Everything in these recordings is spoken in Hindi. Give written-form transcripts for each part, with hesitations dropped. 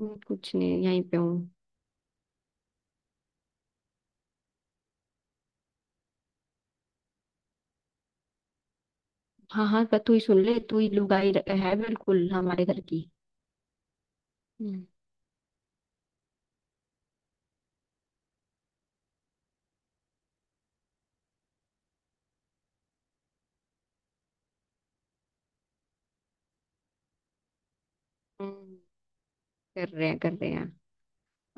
मैं कुछ नहीं यहीं पे हूँ। हाँ हाँ, पर तू ही सुन ले, तू ही लुगाई है बिल्कुल हमारे घर की। हम्म हम्म। कर रहे हैं, कर रहे हैं।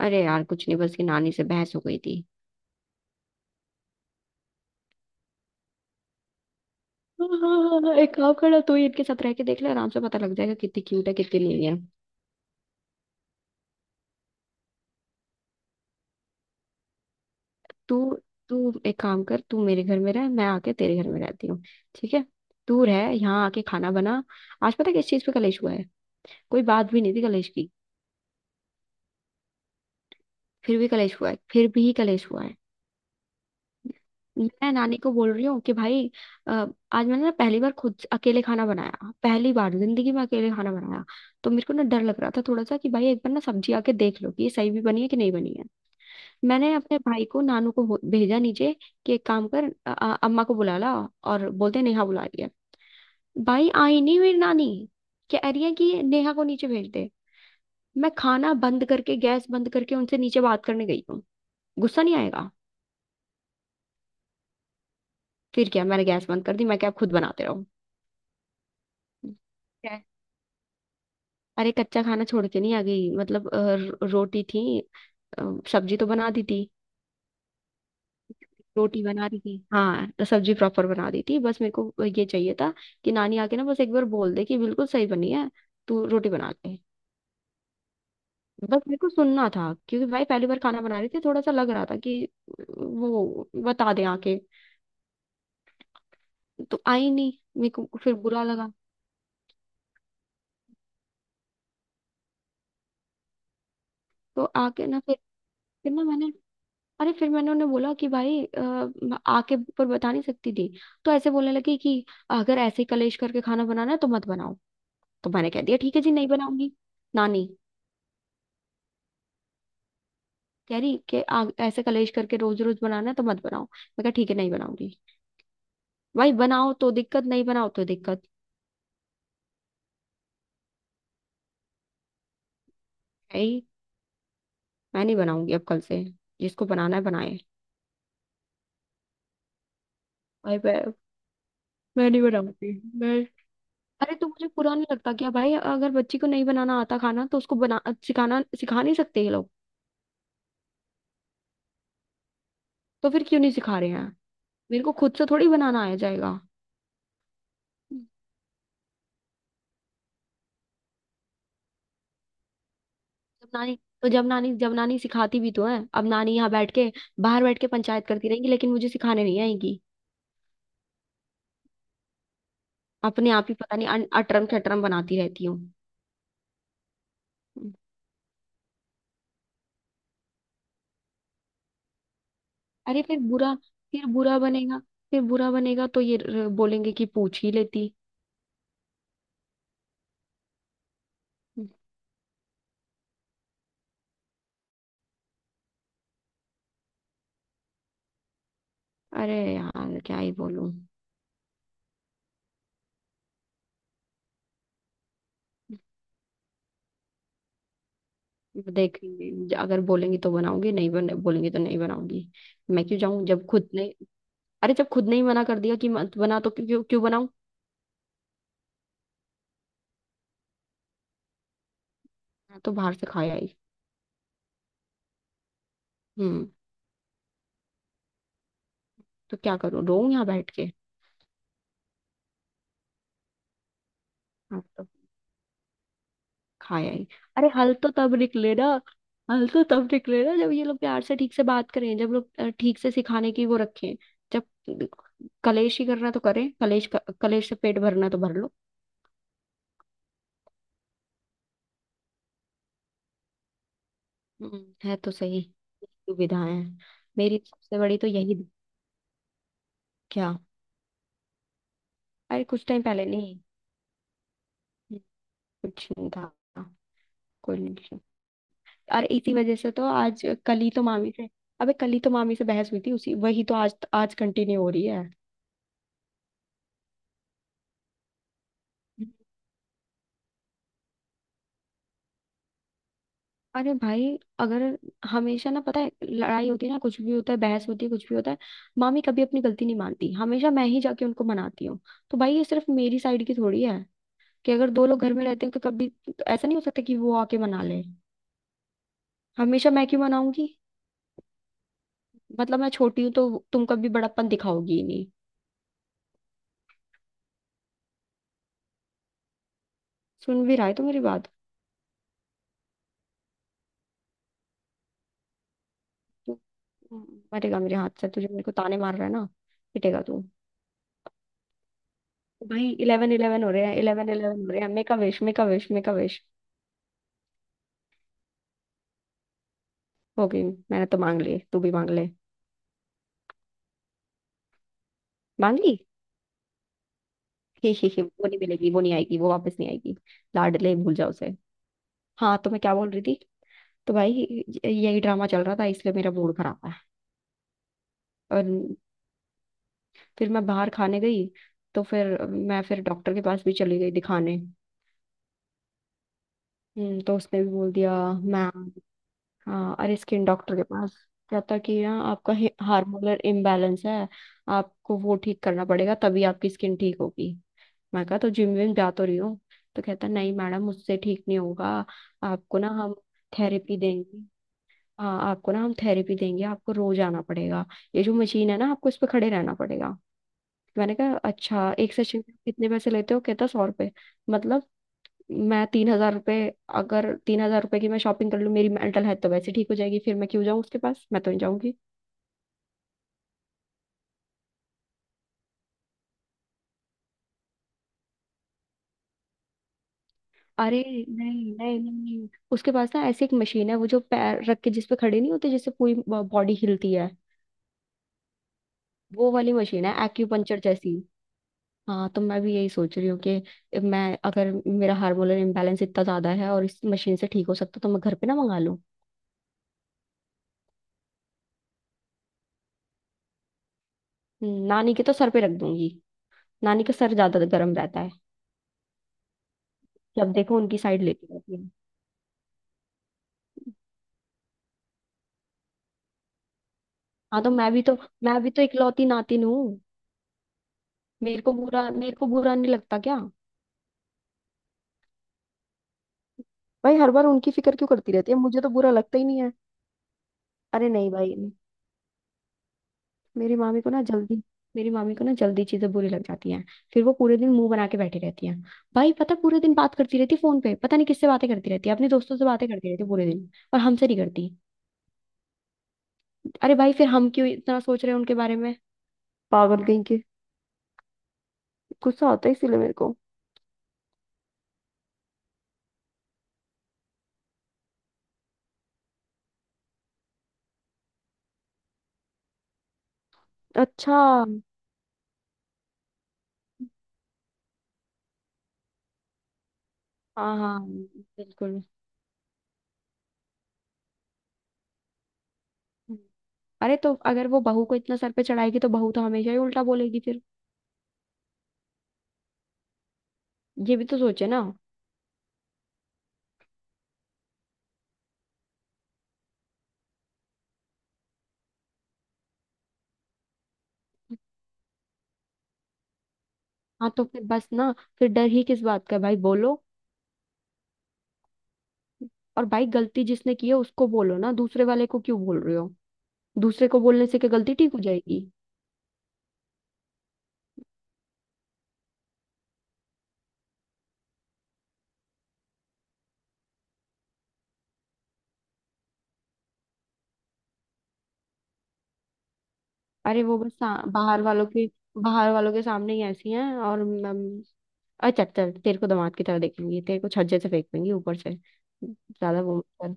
अरे यार कुछ नहीं, बस ये नानी से बहस हो गई थी। हाँ, हाँ, हाँ, एक काम करना, तू ही इनके साथ रह के देख ले, आराम से पता लग जाएगा कितनी क्यूट है कितनी नहीं है। तू तू एक काम कर, तू मेरे घर में रह, मैं आके तेरे घर में रहती हूँ। ठीक है, तू रह यहाँ आके खाना बना। आज पता है किस चीज पे कलेश हुआ है? कोई बात भी नहीं थी कलेश की, फिर भी कलेश हुआ है, फिर भी कलेश हुआ है। मैं नानी को बोल रही हूँ कि भाई अ, आज मैंने ना पहली बार खुद से अकेले खाना बनाया, पहली बार जिंदगी में अकेले खाना बनाया। तो मेरे को ना डर लग रहा था थोड़ा सा कि भाई एक बार ना सब्जी आके देख लो कि ये सही भी बनी है कि नहीं बनी है। मैंने अपने भाई को, नानू को भेजा नीचे कि एक काम कर, अम्मा को बुला ला और बोलते नेहा बुला रही है। भाई आई नहीं मेरी नानी, कह रही है कि नेहा को नीचे भेज दे। मैं खाना बंद करके, गैस बंद करके उनसे नीचे बात करने गई हूँ। गुस्सा नहीं आएगा? फिर क्या, मैंने गैस बंद कर दी, मैं क्या, अब खुद बनाते रहो। अरे कच्चा खाना छोड़ के नहीं आ गई, मतलब रोटी थी, अ, सब्जी तो बना दी थी। रोटी बना दी थी, हाँ, तो सब्जी प्रॉपर बना दी थी, बस मेरे को ये चाहिए था कि नानी आके ना बस एक बार बोल दे कि बिल्कुल सही बनी है, तू रोटी बना ले। बस मेरे को सुनना था क्योंकि भाई पहली बार खाना बना रही थी, थोड़ा सा लग रहा था कि वो बता दे आके। तो आई नहीं, मेरे को फिर बुरा लगा। तो आके ना फिर ना मैंने, अरे फिर मैंने उन्हें बोला कि भाई आके ऊपर बता नहीं सकती थी? तो ऐसे बोलने लगी कि अगर ऐसे ही कलेश करके खाना बनाना है तो मत बनाओ। तो मैंने कह दिया ठीक है जी, नहीं बनाऊंगी। नानी कह रही कि ऐसे कलेश करके रोज रोज बनाना है तो मत बनाओ, मैं कहा ठीक है, नहीं बनाऊंगी। भाई बनाओ तो दिक्कत, नहीं बनाओ तो दिक्कत, है ही। मैं नहीं बनाऊंगी अब कल से, जिसको बनाना है बनाए। भाई मैं नहीं बनाऊंगी, मैं, अरे तो मुझे बुरा नहीं लगता क्या भाई? अगर बच्ची को नहीं बनाना आता खाना तो उसको बना, सिखाना, सिखा नहीं सकते ये लोग? तो फिर क्यों नहीं सिखा रहे हैं? मेरे को खुद से थोड़ी बनाना आ जाएगा। जब नानी सिखाती भी तो है, अब नानी यहाँ बैठ के, बाहर बैठ के पंचायत करती रहेंगी लेकिन मुझे सिखाने नहीं आएंगी। अपने आप ही पता नहीं अटरम खटरम बनाती रहती हूँ। अरे फिर बुरा बनेगा, फिर बुरा बनेगा तो ये बोलेंगे कि पूछ ही लेती। अरे यार क्या ही बोलूं। देखेंगे, अगर बोलेंगी तो बनाऊंगी, नहीं बने, बोलेंगी तो नहीं बनाऊंगी। मैं क्यों जाऊं जब खुद ने, अरे जब खुद ने ही मना कर दिया कि मत बना तो क्यों, क्यों, क्यों? मैं तो बाहर से खाया ही। हम्म तो क्या करूँ, रोऊं यहाँ बैठ के? हाँ तो खाया ही। अरे हल तो तब निकलेगा, हल तो तब निकलेगा जब ये लोग प्यार से ठीक से बात करें, जब लोग ठीक से सिखाने की वो रखें, जब कलेश ही करना है तो करें कलेश। कलेश से पेट भरना है तो भर लो। है तो सही, दुविधाएं हैं। मेरी सबसे बड़ी तो यही। क्या? अरे कुछ टाइम पहले नहीं, कुछ नहीं था, कोई नहीं। और इसी वजह से तो आज कल ही तो मामी से अबे कल ही तो मामी से बहस हुई थी, उसी वही तो आज आज कंटिन्यू हो रही है। अरे भाई, अगर हमेशा ना, पता है लड़ाई होती है ना, कुछ भी होता है, बहस होती है, कुछ भी होता है, मामी कभी अपनी गलती नहीं मानती, हमेशा मैं ही जाके उनको मनाती हूँ। तो भाई ये सिर्फ मेरी साइड की थोड़ी है, कि अगर दो लोग घर में रहते हैं तो कभी तो ऐसा नहीं हो सकता कि वो आके मना ले? हमेशा मैं क्यों मनाऊंगी? मतलब मैं छोटी हूँ तो तुम कभी बड़प्पन दिखाओगी ही नहीं? सुन भी रहा है तो मेरी बात? मरेगा मेरे हाथ से, तुझे, मेरे को ताने मार रहा है ना? पिटेगा तू। भाई 11:11 हो रहे हैं, 11:11 हो रहे हैं, make a wish, make a wish, make a wish. हो गई, मैंने तो मांग ली, तू भी मांग ले। मांग ली? ही, वो नहीं मिलेगी, वो नहीं आएगी, वो वापस नहीं आएगी, लाडले भूल जाओ उसे। हाँ, तो मैं क्या बोल रही थी। तो भाई यही ड्रामा चल रहा था, इसलिए मेरा मूड खराब है। और फिर मैं बाहर खाने गई, तो फिर डॉक्टर के पास भी चली गई दिखाने। तो उसने भी बोल दिया। मैम, हाँ, अरे स्किन डॉक्टर के पास। कहता कि ना, आपका हार्मोनल इम्बैलेंस है, आपको वो ठीक करना पड़ेगा, तभी आपकी स्किन ठीक होगी। मैं कहा तो जिम विम जा तो रही हूँ। तो कहता नहीं मैडम, मुझसे ठीक नहीं होगा, आपको ना हम थेरेपी देंगे हाँ, आपको ना हम थेरेपी देंगे, आपको रोज आना पड़ेगा, ये जो मशीन है ना, आपको इस पे खड़े रहना पड़ेगा। मैंने कहा अच्छा एक सेशन के कितने पैसे लेते हो? कहता 100 रुपए। मतलब, मैं 3,000 रुपये, अगर 3,000 रुपये की मैं शॉपिंग कर लूँ मेरी मेंटल हेल्थ तो वैसे ठीक हो जाएगी, फिर मैं क्यों जाऊँ उसके पास? मैं तो नहीं जाऊंगी। अरे नहीं, नहीं, नहीं, उसके पास ना ऐसी एक मशीन है वो, जो पैर रख के, जिस पे खड़े नहीं होते, जिससे पूरी बॉडी हिलती है, वो वाली मशीन है एक्यूपंक्चर जैसी। हाँ तो मैं भी यही सोच रही हूँ कि मैं, अगर मेरा हार्मोनल इम्बैलेंस इतना ज्यादा है और इस मशीन से ठीक हो सकता, तो मैं घर पे ना मंगा लूँ। नानी के तो सर पे रख दूंगी, नानी का सर ज्यादा गर्म रहता है, जब देखो उनकी साइड लेती रहती है। हाँ तो मैं भी तो इकलौती नातिन हूँ। मेरे को बुरा नहीं लगता क्या? भाई हर बार उनकी फिक्र क्यों करती रहती है? मुझे तो बुरा लगता ही नहीं है। अरे नहीं भाई, मेरी मामी को ना जल्दी मेरी मामी को ना जल्दी चीजें बुरी लग जाती हैं, फिर वो पूरे दिन मुंह बना के बैठी रहती हैं। भाई पता है, पूरे दिन बात करती रहती है फोन पे, पता नहीं किससे बातें करती रहती है, अपने दोस्तों से बातें करती रहती है पूरे दिन, और हमसे नहीं करती। अरे भाई फिर हम क्यों इतना सोच रहे हैं उनके बारे में, पागल गई के। गुस्सा आता है इसीलिए मेरे को। अच्छा। हाँ हाँ बिल्कुल। अरे तो अगर वो बहू को इतना सर पे चढ़ाएगी तो बहू तो हमेशा ही उल्टा बोलेगी फिर, ये भी तो सोचे ना? हाँ तो फिर बस ना, फिर डर ही किस बात का भाई, बोलो। और भाई गलती जिसने की है उसको बोलो ना, दूसरे वाले को क्यों बोल रहे हो? दूसरे को बोलने से क्या गलती ठीक हो जाएगी? अरे वो बस बाहर वालों के सामने ही ऐसी हैं, और अरे चल चल, तेरे को दामाद की तरह देखेंगी? तेरे को छज्जे से फेंक देंगी ऊपर से, ज्यादा वो मत कर।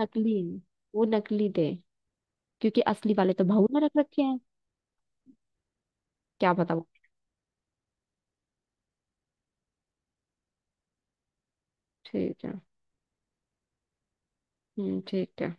नकली, वो नकली थे, क्योंकि असली वाले तो बहू ने रख रखे हैं। क्या पता। ठीक है। ठीक है।